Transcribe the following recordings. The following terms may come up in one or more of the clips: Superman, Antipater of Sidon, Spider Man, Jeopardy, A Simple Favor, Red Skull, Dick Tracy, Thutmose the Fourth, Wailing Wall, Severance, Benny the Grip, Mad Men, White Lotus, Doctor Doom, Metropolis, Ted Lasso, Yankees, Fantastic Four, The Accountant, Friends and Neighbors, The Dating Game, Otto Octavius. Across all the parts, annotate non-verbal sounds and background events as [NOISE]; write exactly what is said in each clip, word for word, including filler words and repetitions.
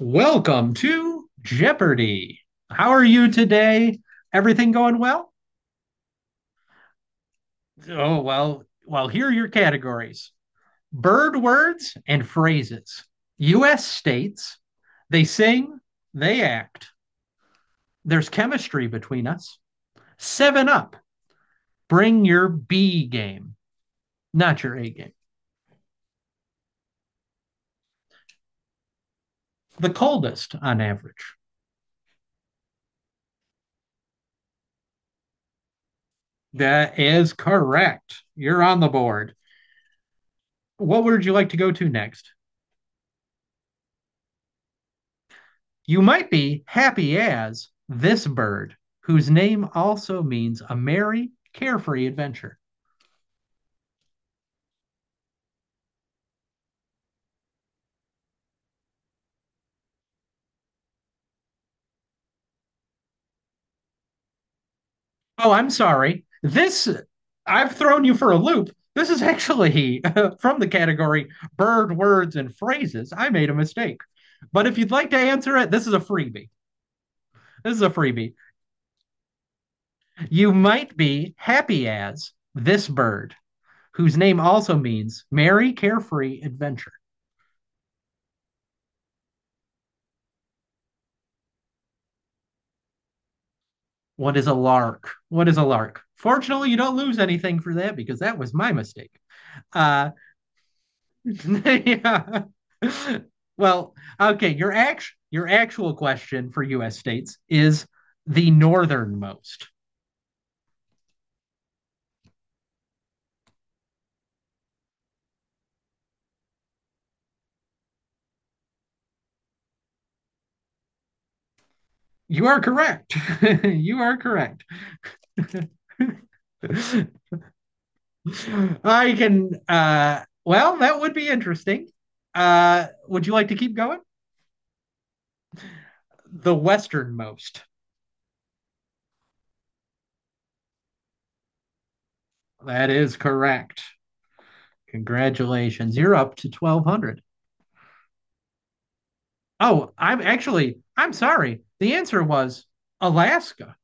Welcome to Jeopardy. How are you today? Everything going well? Oh, well, well, here are your categories bird words and phrases, U S states. They sing, they act. There's chemistry between us. Seven up, bring your B game, not your A game. The coldest on average. That is correct. You're on the board. What would you like to go to next? You might be happy as this bird, whose name also means a merry, carefree adventure. Oh, I'm sorry. This, I've thrown you for a loop. This is actually [LAUGHS] from the category bird words and phrases. I made a mistake. But if you'd like to answer it, this is a freebie. This is a freebie. You might be happy as this bird, whose name also means merry, carefree adventure. What is a lark? What is a lark? Fortunately, you don't lose anything for that because that was my mistake. Uh, [LAUGHS] yeah. Well, okay, your act- your actual question for U S states is the northernmost. You are correct. [LAUGHS] You are correct. [LAUGHS] I can uh well, that would be interesting. Uh would you like to keep going? The westernmost. That is correct. Congratulations. You're up to twelve hundred. Oh, I'm actually, I'm sorry. The answer was Alaska.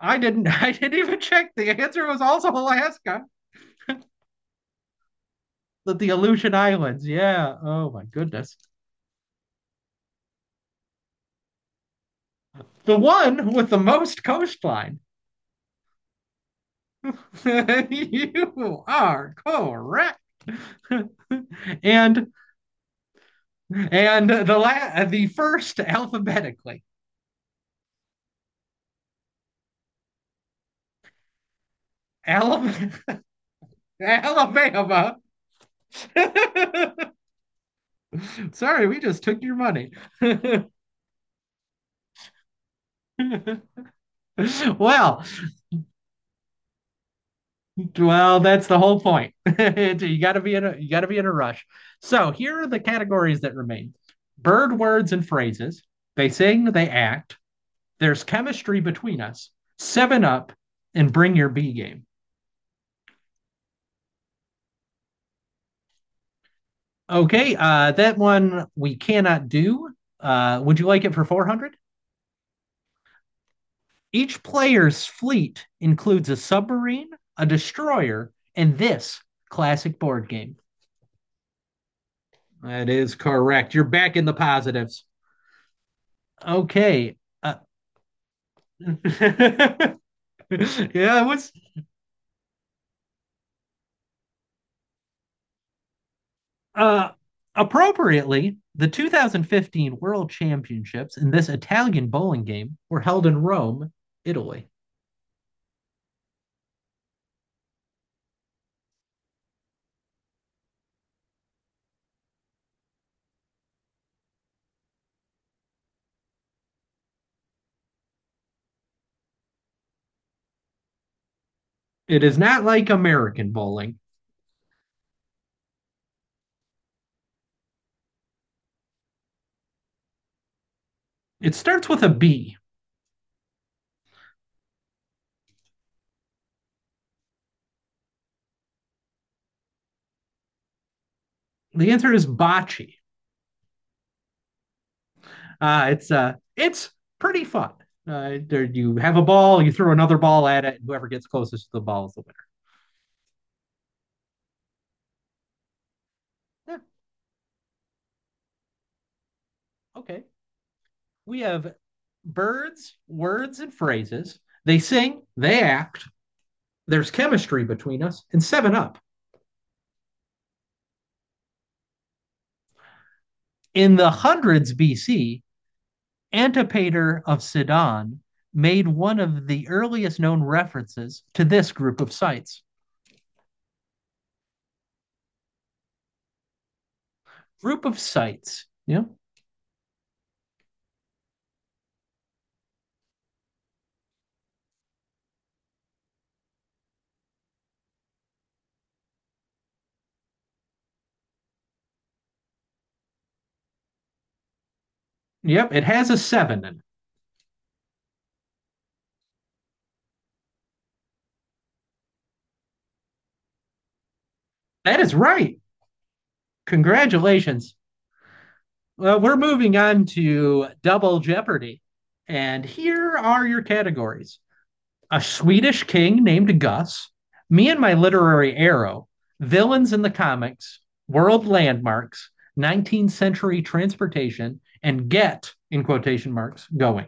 I didn't, [LAUGHS] I didn't even check. The answer was also Alaska. The, the Aleutian Islands. Yeah. Oh my goodness. The one with the most coastline. [LAUGHS] You are correct. [LAUGHS] and and the la- the first alphabetically. Alabama. [LAUGHS] Alabama. [LAUGHS] Sorry, we just took your money. [LAUGHS] well, well, that's the whole point. [LAUGHS] You got to be in a you got to be in a rush. So here are the categories that remain: bird words and phrases. They sing, they act. There's chemistry between us. Seven up and bring your B game. Okay, uh, that one we cannot do. Uh, would you like it for four hundred? Each player's fleet includes a submarine, a destroyer, and this classic board game. That is correct. You're back in the positives. Okay. Uh, [LAUGHS] yeah, what's uh appropriately, the two thousand fifteen World Championships in this Italian bowling game were held in Rome, Italy. It is not like American bowling. It starts with a B. The answer is bocce. Uh, it's uh, it's pretty fun. Uh, there, you have a ball, you throw another ball at it, and whoever gets closest to the ball is the winner. Yeah, okay. We have birds, words, and phrases. They sing, they act. There's chemistry between us, and seven up. In the hundreds B C, Antipater of Sidon made one of the earliest known references to this group of sites. Group of sites. Yep. Yep. It has a seven in it. That is right. Congratulations. Well, we're moving on to Double Jeopardy. And here are your categories a Swedish king named Gus, me and my literary arrow, villains in the comics, world landmarks, nineteenth century transportation, and get, in quotation marks, going.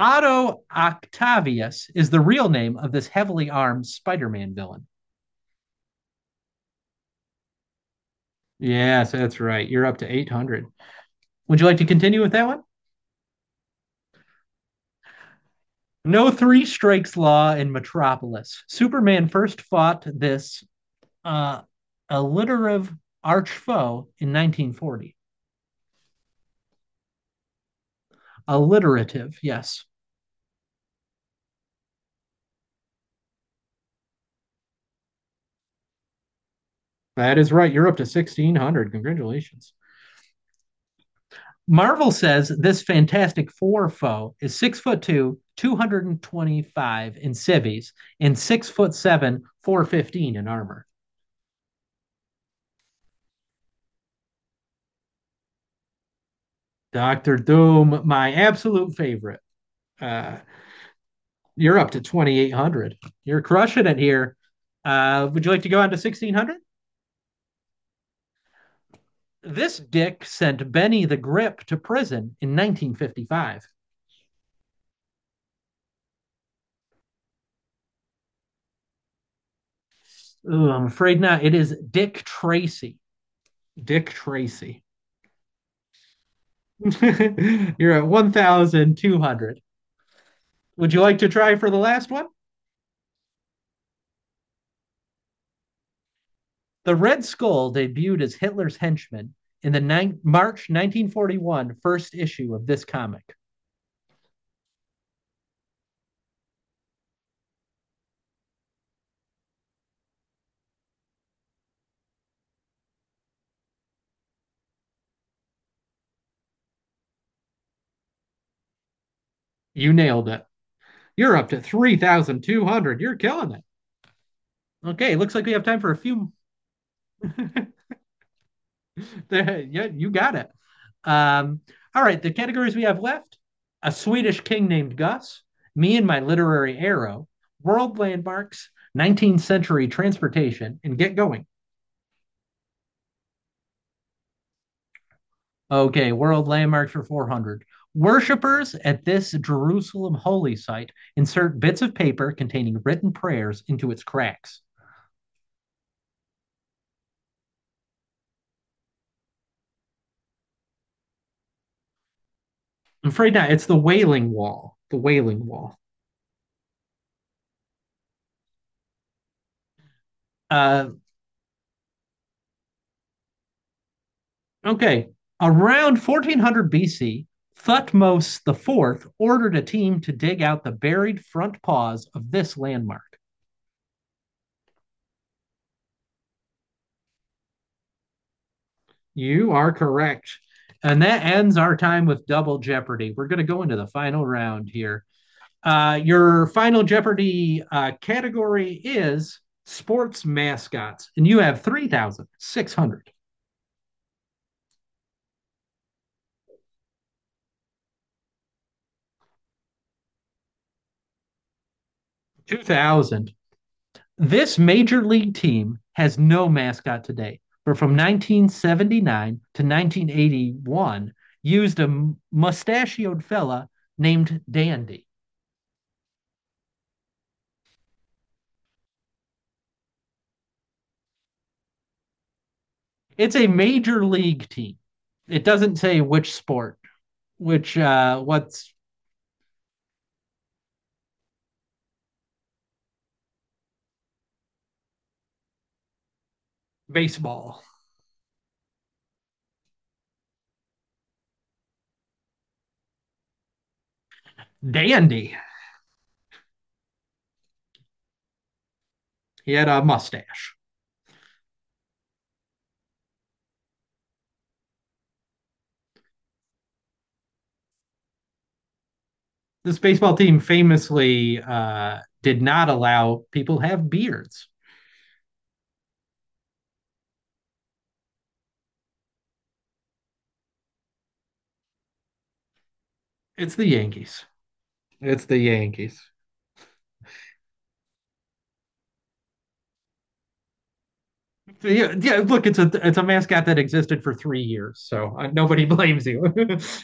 Otto Octavius is the real name of this heavily armed Spider Man villain. Yes, that's right. You're up to eight hundred. Would you like to continue with that one? No three strikes law in Metropolis. Superman first fought this uh, alliterative arch foe in nineteen forty. Alliterative, yes. That is right. You're up to sixteen hundred. Congratulations. Marvel says this Fantastic Four foe is six foot two, 225 in civvies, and six foot seven, four fifteen in armor. Doctor Doom, my absolute favorite. Uh, you're up to twenty-eight hundred. You're crushing it here. Uh, would you like to go on to sixteen hundred? This dick sent Benny the Grip to prison in nineteen fifty-five. Ooh, I'm afraid not. It is Dick Tracy. Dick Tracy. [LAUGHS] You're at one thousand two hundred. Would you like to try for the last one? The Red Skull debuted as Hitler's henchman in the nine March nineteen forty-one first issue of this comic. You nailed it. You're up to three thousand two hundred. You're killing it. Okay, looks like we have time for a few. [LAUGHS] Yeah, you got it. Um, all right, the categories we have left a Swedish king named Gus, me and my literary arrow, world landmarks, nineteenth century transportation, and get going. Okay, world landmarks for four hundred. Worshippers at this Jerusalem holy site insert bits of paper containing written prayers into its cracks. I'm afraid not. It's the Wailing Wall. The Wailing Wall. Uh, Okay. Around fourteen hundred B C, Thutmose the Fourth ordered a team to dig out the buried front paws of this landmark. You are correct. And that ends our time with Double Jeopardy. We're going to go into the final round here. Uh, your Final Jeopardy uh, category is sports mascots, and you have three thousand six hundred two thousand. This major league team has no mascot today, but from nineteen seventy-nine to nineteen eighty-one used a mustachioed fella named Dandy. It's a major league team. It doesn't say which sport, which uh what's baseball. Dandy. He had a mustache. This baseball team famously uh did not allow people have beards. It's the Yankees. It's the Yankees. Yeah, yeah, look, it's a it's a mascot that existed for three years, so uh, nobody blames you.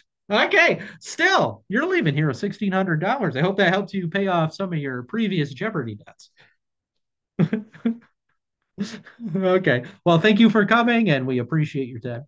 [LAUGHS] Okay, still, you're leaving here with sixteen hundred dollars. I hope that helps you pay off some of your previous Jeopardy debts. [LAUGHS] Okay, well, thank you for coming, and we appreciate your time.